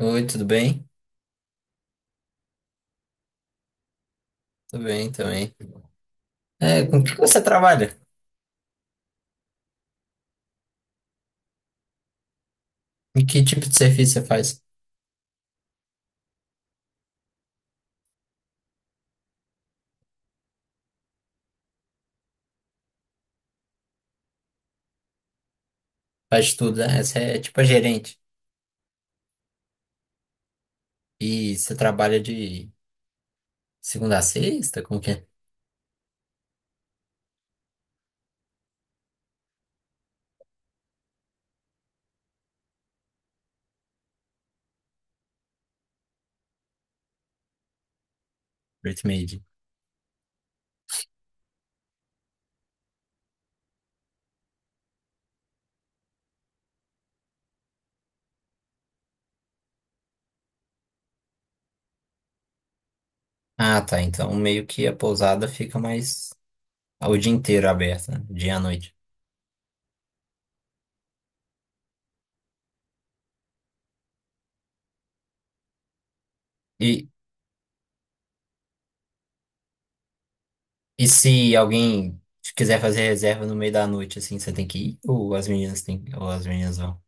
Oi, tudo bem? Tudo bem também. É, com que você trabalha? E que tipo de serviço você faz? Faz tudo, né? Você é tipo a gerente. E você trabalha de segunda a sexta? Como que é? Oito e meio dia. Ah, tá. Então meio que a pousada fica mais o dia inteiro aberta, né? Dia à noite. E, e se alguém quiser fazer reserva no meio da noite, assim, você tem que ir? Ou as meninas têm, ou as meninas vão?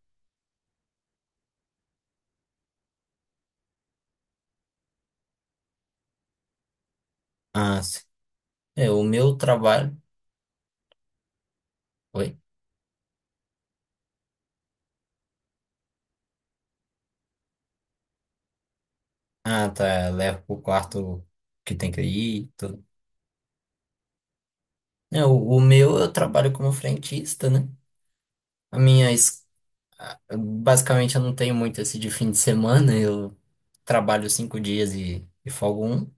Ah, sim. É, o meu trabalho. Oi? Ah, tá. Levo pro quarto que tem que ir. É, o meu eu trabalho como frentista, né? A minha, es- a- Basicamente eu não tenho muito esse de fim de semana, eu trabalho 5 dias e folgo um.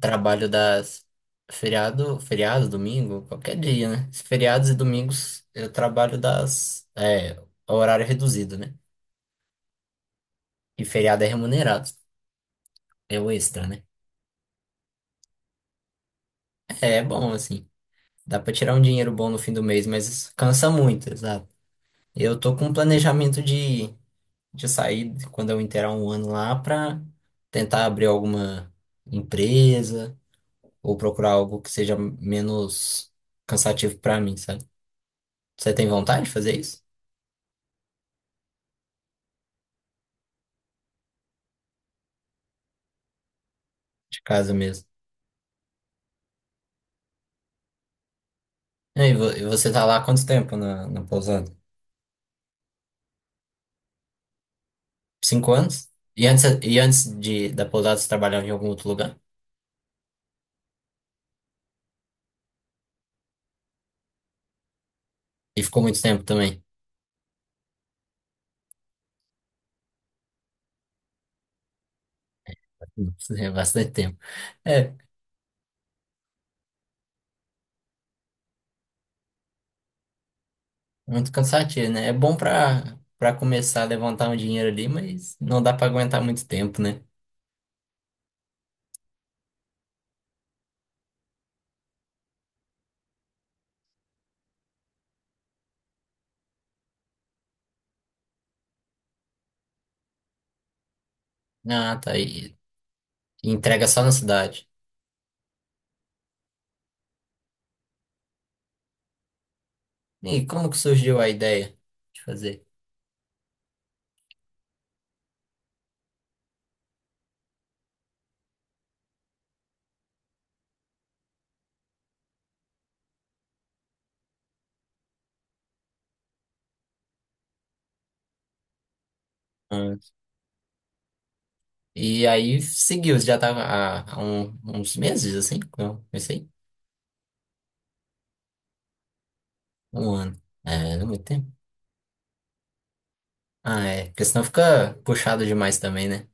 Trabalho das feriado, feriado, domingo, qualquer dia, né? Feriados e domingos eu trabalho horário reduzido, né? E feriado é remunerado, é o extra, né? É, é bom, assim, dá pra tirar um dinheiro bom no fim do mês, mas cansa muito, exato. Eu tô com um planejamento de sair quando eu inteirar um ano lá para tentar abrir alguma empresa ou procurar algo que seja menos cansativo para mim, sabe? Você tem vontade de fazer isso? De casa mesmo. E aí, e você tá lá há quanto tempo na pousada? 5 anos? E antes da pousada você trabalhava em algum outro lugar? E ficou muito tempo também? Nossa, é bastante tempo. É, muito cansativo, né? É bom pra, começar a levantar um dinheiro ali, mas não dá pra aguentar muito tempo, né? Ah, tá. E entrega só na cidade. E como que surgiu a ideia de fazer? Ah, e aí seguiu, já tava há uns meses, assim, que eu comecei. Um ano. É, não é muito tempo. Ah, é. Porque senão fica puxado demais também, né?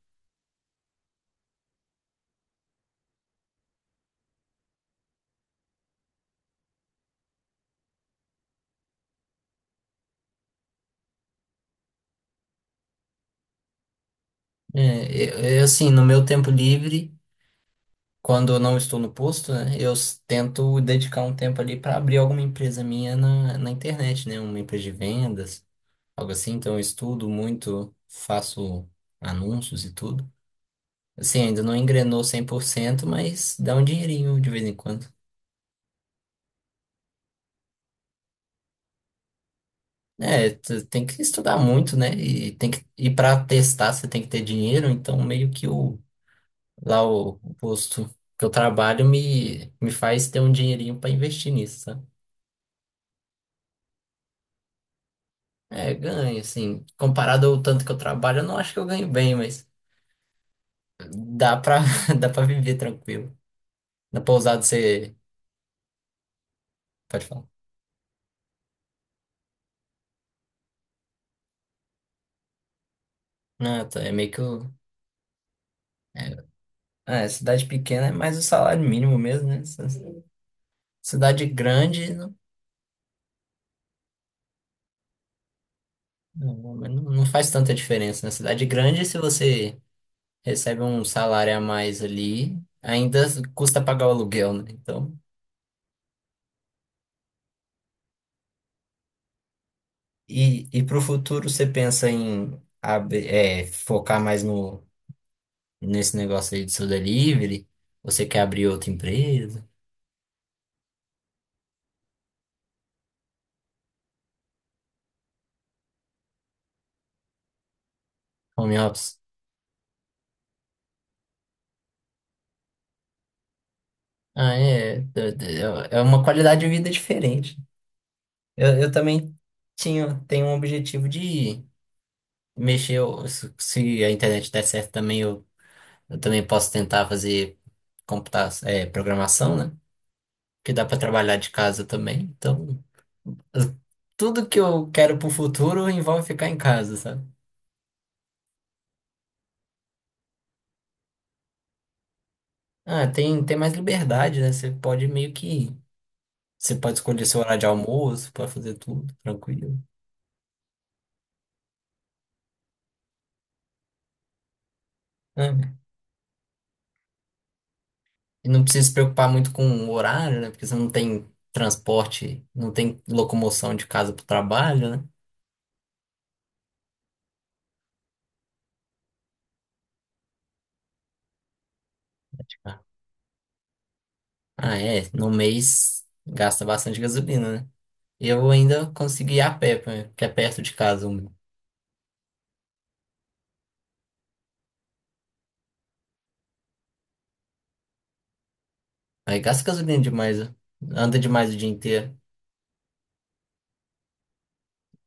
É, eu, assim, no meu tempo livre, quando eu não estou no posto, né? Eu tento dedicar um tempo ali para abrir alguma empresa minha na internet, né? Uma empresa de vendas, algo assim. Então eu estudo muito, faço anúncios e tudo. Assim, ainda não engrenou 100%, mas dá um dinheirinho de vez em quando. É, tu tem que estudar muito, né? E para testar você tem que ter dinheiro, então meio que o posto que eu trabalho me faz ter um dinheirinho para investir nisso, sabe? É, ganho, assim, comparado ao tanto que eu trabalho, eu não acho que eu ganho bem, mas dá pra dá para viver tranquilo. Na pousada você pode falar. Ah, tá, é meio que o é, ah, é, cidade pequena é mais o salário mínimo mesmo, né? Cidade grande não, não, não faz tanta diferença, né? Cidade grande, se você recebe um salário a mais ali, ainda custa pagar o aluguel, né? Então, e para o futuro você pensa em focar mais no, nesse negócio aí de seu delivery? Você quer abrir outra empresa? Home office? Ah, é. É uma qualidade de vida diferente. Eu também tinha, tenho um objetivo de mexer, se a internet der certo também, eu também posso tentar fazer computar, programação, né? Que dá para trabalhar de casa também. Então, eu- tudo que eu quero pro futuro envolve ficar em casa, sabe? Ah, tem mais liberdade, né? Você pode meio que. Você pode escolher seu horário de almoço, pode fazer tudo, tranquilo. Né? E não precisa se preocupar muito com o horário, né? Porque você não tem transporte, não tem locomoção de casa pro trabalho, né? Ah, é. No mês gasta bastante gasolina, né? E eu ainda consegui ir a pé, que é perto de casa. Aí gasta gasolina demais, né? Anda demais o dia inteiro.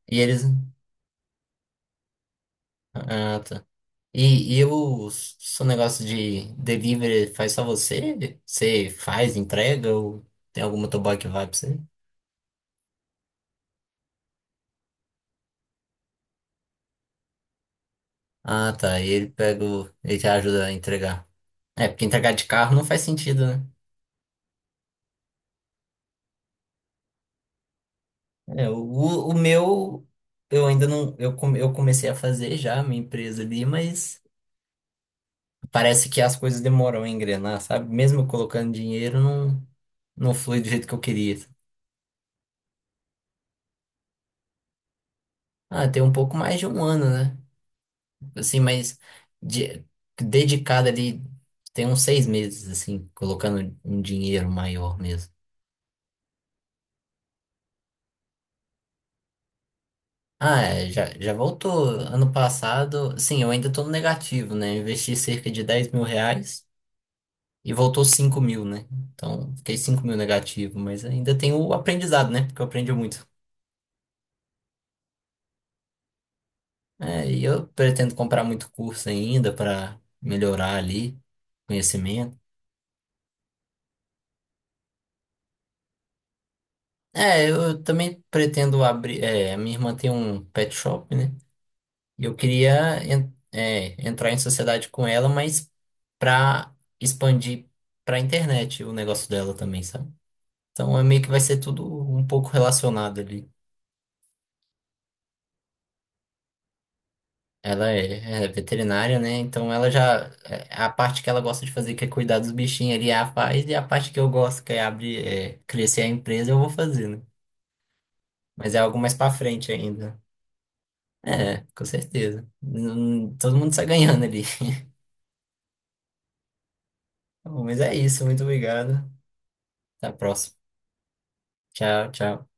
E eles. Ah, tá. E o seu negócio de delivery faz só você? Você faz, entrega ou tem algum motoboy que vai pra você? Ah, tá. E ele pega o. Ele te ajuda a entregar. É, porque entregar de carro não faz sentido, né? É, o meu, eu ainda não. Eu comecei a fazer já a minha empresa ali, mas. Parece que as coisas demoram a engrenar, sabe? Mesmo eu colocando dinheiro, não, não flui do jeito que eu queria. Ah, tem um pouco mais de um ano, né? Assim, mas de, dedicado ali, tem uns 6 meses, assim, colocando um dinheiro maior mesmo. Ah, é, já voltou. Ano passado, sim, eu ainda tô no negativo, né? Eu investi cerca de R$ 10.000 e voltou 5.000, né? Então, fiquei 5.000 negativo, mas ainda tem o aprendizado, né? Porque eu aprendi muito. É, e eu pretendo comprar muito curso ainda para melhorar ali conhecimento. É, eu também pretendo abrir. É, a minha irmã tem um pet shop, né? E eu queria entrar em sociedade com ela, mas para expandir para internet o negócio dela também, sabe? Então é meio que vai ser tudo um pouco relacionado ali. Ela é veterinária, né? Então ela já. A parte que ela gosta de fazer, que é cuidar dos bichinhos ali, ela faz, e a parte que eu gosto, que é abrir, crescer a empresa, eu vou fazer, né? Mas é algo mais pra frente ainda. É, com certeza. Todo mundo sai ganhando ali. Bom, mas é isso, muito obrigado. Até a próxima. Tchau, tchau.